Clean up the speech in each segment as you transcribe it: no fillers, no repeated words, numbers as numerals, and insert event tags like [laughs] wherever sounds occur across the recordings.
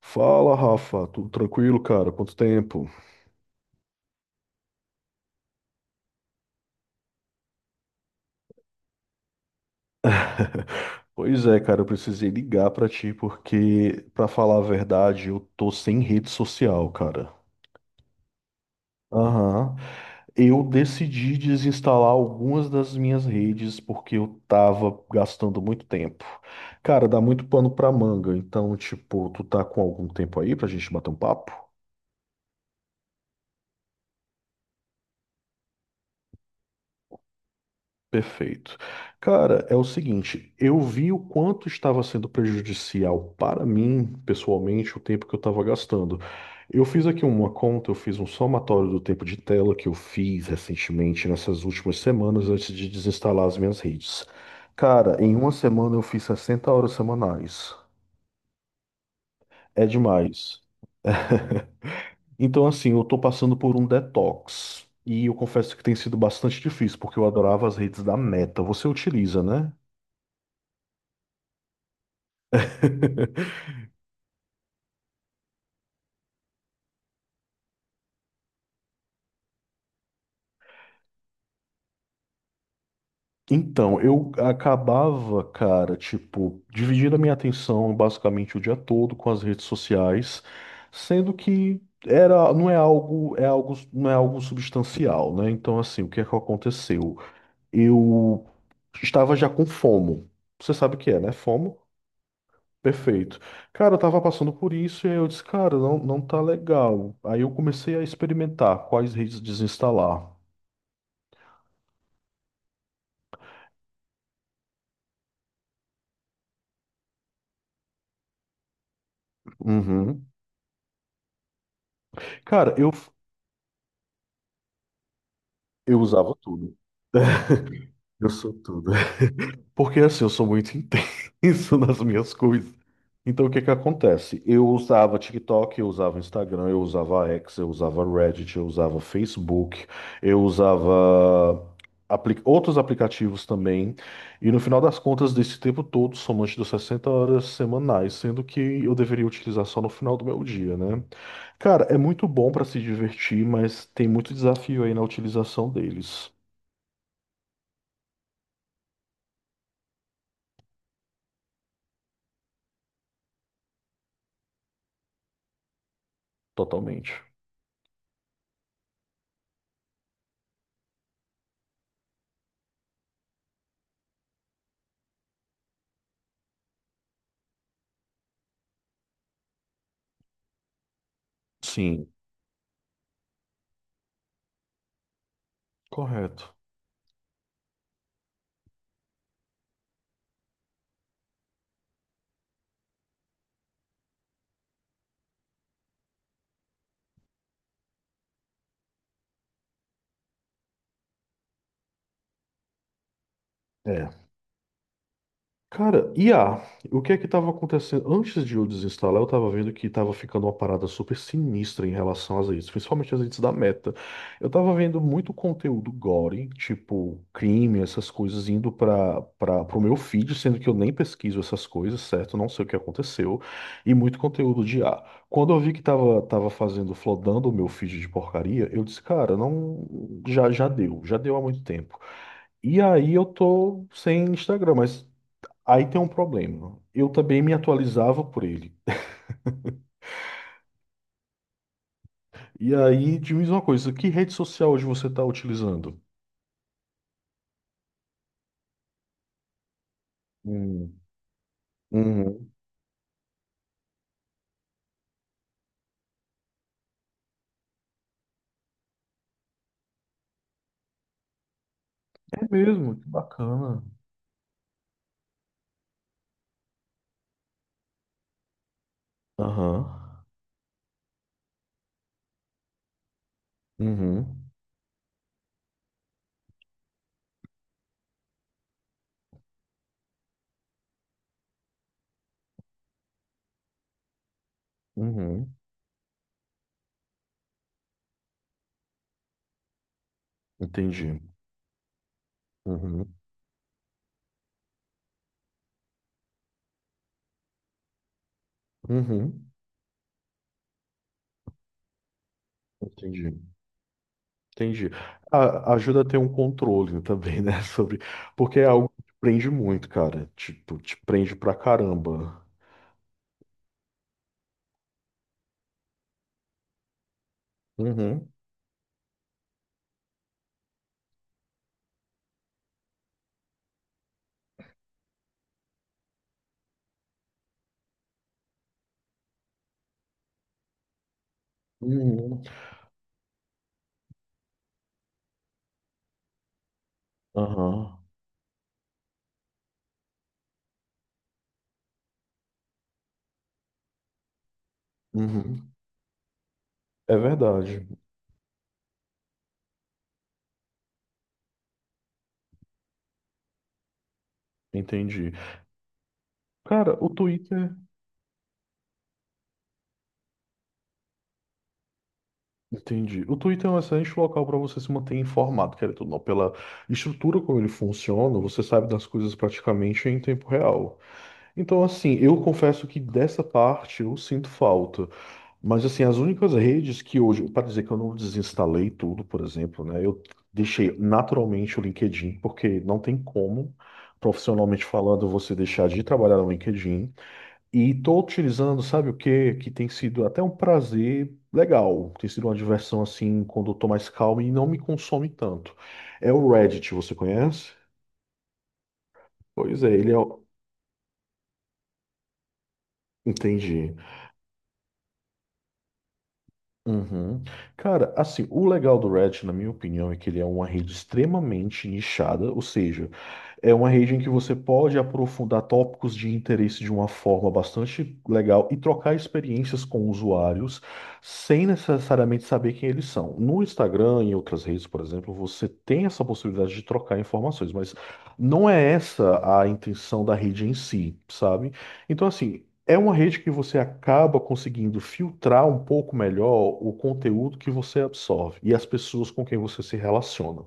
Fala, Rafa, tudo tranquilo, cara? Quanto tempo? [laughs] Pois é, cara, eu precisei ligar pra ti porque, pra falar a verdade, eu tô sem rede social, cara. Aham. Eu decidi desinstalar algumas das minhas redes porque eu tava gastando muito tempo. Cara, dá muito pano pra manga, então, tipo, tu tá com algum tempo aí pra gente bater um papo? Perfeito. Cara, é o seguinte, eu vi o quanto estava sendo prejudicial para mim, pessoalmente, o tempo que eu estava gastando. Eu fiz aqui uma conta, eu fiz um somatório do tempo de tela que eu fiz recentemente, nessas últimas semanas, antes de desinstalar as minhas redes. Cara, em uma semana eu fiz 60 horas semanais. É demais. [laughs] Então, assim, eu tô passando por um detox. E eu confesso que tem sido bastante difícil, porque eu adorava as redes da Meta. Você utiliza, né? [laughs] Então, eu acabava, cara, tipo, dividindo a minha atenção basicamente o dia todo com as redes sociais, sendo que era, não é algo, é algo, não é algo substancial, né? Então, assim, o que é que aconteceu? Eu estava já com FOMO. Você sabe o que é, né? FOMO? Perfeito. Cara, eu tava passando por isso e aí eu disse, cara, não, não tá legal. Aí eu comecei a experimentar quais redes desinstalar. Uhum. Cara, eu usava tudo. [laughs] Eu sou tudo. [laughs] Porque assim, eu sou muito [laughs] intenso nas minhas coisas. Então, o que que acontece? Eu usava TikTok, eu usava Instagram, eu usava X, eu usava Reddit, eu usava Facebook, eu usava outros aplicativos também. E no final das contas, desse tempo todo, somante das 60 horas semanais, sendo que eu deveria utilizar só no final do meu dia, né? Cara, é muito bom para se divertir, mas tem muito desafio aí na utilização deles. Totalmente. Sim. Correto. É. Cara, I a, o que é que estava acontecendo? Antes de eu desinstalar, eu estava vendo que estava ficando uma parada super sinistra em relação às redes, principalmente as redes da Meta. Eu estava vendo muito conteúdo gore, tipo crime, essas coisas, indo para o meu feed, sendo que eu nem pesquiso essas coisas, certo? Não sei o que aconteceu. E muito conteúdo de I a. Quando eu vi que estava tava tava fazendo, flodando o meu feed de porcaria, eu disse, cara, não, já, já deu há muito tempo. E aí eu tô sem Instagram, mas aí tem um problema. Eu também me atualizava por ele. E aí, diz uma coisa, que rede social hoje você está utilizando? Hum. Uhum. É mesmo, que bacana. Aham. Uhum. Uhum. Entendi. Uhum. Uhum. Entendi. Entendi. A- ajuda a ter um controle também, né? [laughs] Sobre. Porque é algo que te prende muito, cara. Tipo, te prende pra caramba. Uhum. Uhum. Aham. Uhum. É verdade, entendi. Cara, o Twitter, entendi. O Twitter é um excelente local para você se manter informado, querendo ou não, pela estrutura como ele funciona, você sabe das coisas praticamente em tempo real. Então, assim, eu confesso que dessa parte eu sinto falta. Mas, assim, as únicas redes que hoje, para dizer que eu não desinstalei tudo, por exemplo, né, eu deixei naturalmente o LinkedIn, porque não tem como, profissionalmente falando, você deixar de trabalhar no LinkedIn. E estou utilizando, sabe o que? Que tem sido até um prazer legal. Tem sido uma diversão assim, quando eu tô mais calmo e não me consome tanto. É o Reddit, você conhece? Pois é, ele é. Entendi. Uhum. Cara, assim, o legal do Reddit, na minha opinião, é que ele é uma rede extremamente nichada, ou seja, é uma rede em que você pode aprofundar tópicos de interesse de uma forma bastante legal e trocar experiências com usuários sem necessariamente saber quem eles são. No Instagram e em outras redes, por exemplo, você tem essa possibilidade de trocar informações, mas não é essa a intenção da rede em si, sabe? Então, assim. É uma rede que você acaba conseguindo filtrar um pouco melhor o conteúdo que você absorve e as pessoas com quem você se relaciona.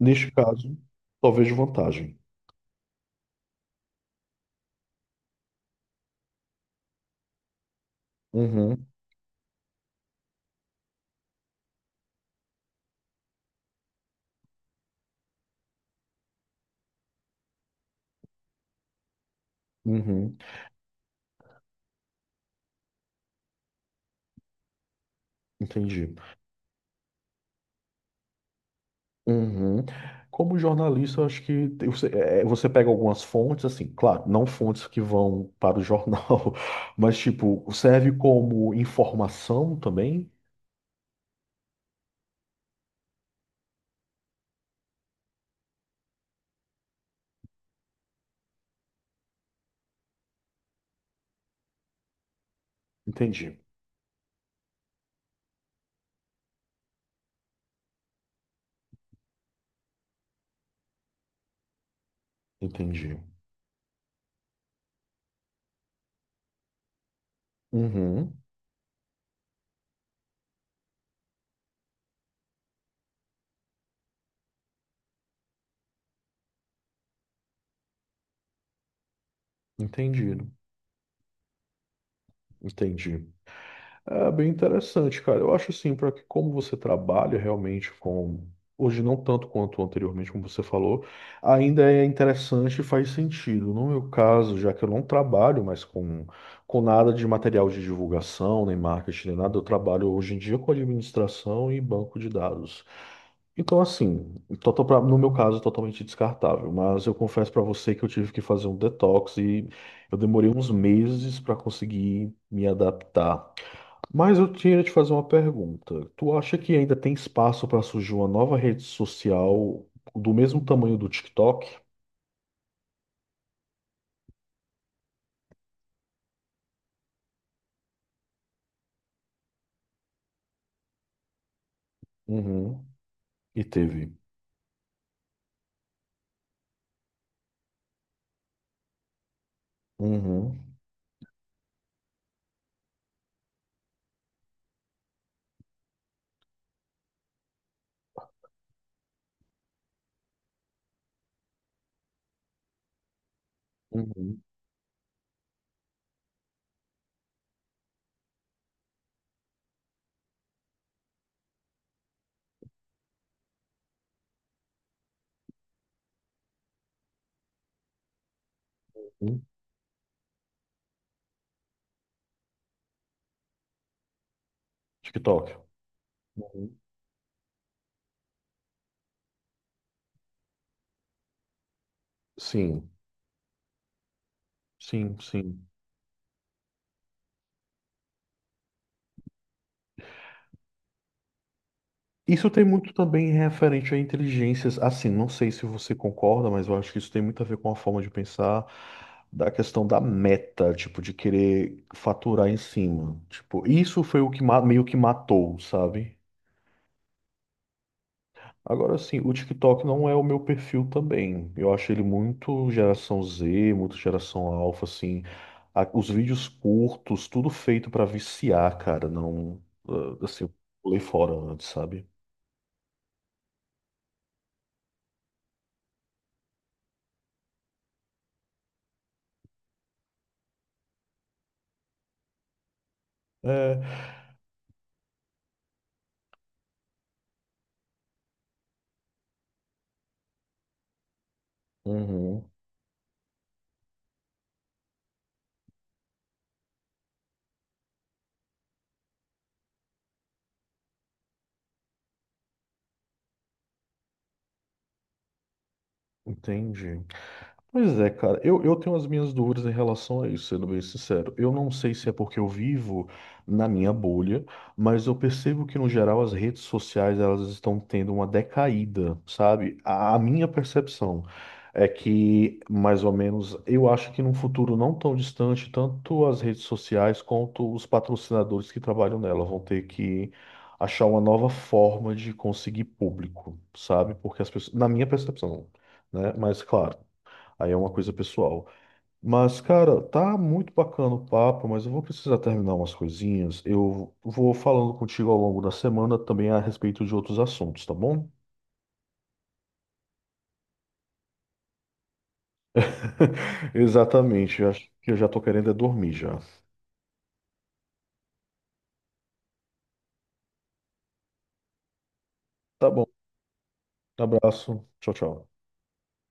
Neste caso, só vejo vantagem. Uhum. Uhum. Entendi. Uhum. Como jornalista, eu acho que você, é, é, você pega algumas fontes, assim, claro, não fontes que vão para o jornal, [laughs] mas tipo, serve como informação também? Entendi. Entendi. Uhum. Entendido. Entendi. É bem interessante, cara. Eu acho assim, para que como você trabalha realmente com hoje não tanto quanto anteriormente, como você falou, ainda é interessante e faz sentido. No meu caso, já que eu não trabalho mais com nada de material de divulgação, nem marketing, nem nada, eu trabalho hoje em dia com administração e banco de dados. Então, assim, total no meu caso, totalmente descartável, mas eu confesso para você que eu tive que fazer um detox e eu demorei uns meses para conseguir me adaptar. Mas eu tinha te fazer uma pergunta. Tu acha que ainda tem espaço para surgir uma nova rede social do mesmo tamanho do TikTok? Uhum. E teve. Uhum. Uhum. Uhum. TikTok. Uhum. Sim, sim, sim. Isso tem muito também referente a inteligências, assim, não sei se você concorda, mas eu acho que isso tem muito a ver com a forma de pensar da questão da meta, tipo, de querer faturar em cima. Tipo, isso foi o que meio que matou, sabe? Agora sim, o TikTok não é o meu perfil também. Eu acho ele muito geração Z, muito geração alfa, assim. Os vídeos curtos, tudo feito pra viciar, cara. Não, ah, assim, eu pulei fora antes, sabe? É. Uhum. Entendi. Pois é, cara, eu tenho as minhas dúvidas em relação a isso, sendo bem sincero. Eu não sei se é porque eu vivo na minha bolha, mas eu percebo que, no geral, as redes sociais elas estão tendo uma decaída, sabe? A minha percepção é que, mais ou menos, eu acho que num futuro não tão distante, tanto as redes sociais quanto os patrocinadores que trabalham nela vão ter que achar uma nova forma de conseguir público, sabe? Porque as pessoas, na minha percepção, né? Mas claro. Aí é uma coisa pessoal. Mas, cara, tá muito bacana o papo, mas eu vou precisar terminar umas coisinhas. Eu vou falando contigo ao longo da semana também a respeito de outros assuntos, tá bom? [laughs] Exatamente. Eu acho que eu já tô querendo é dormir já. Tá bom. Abraço. Tchau, tchau.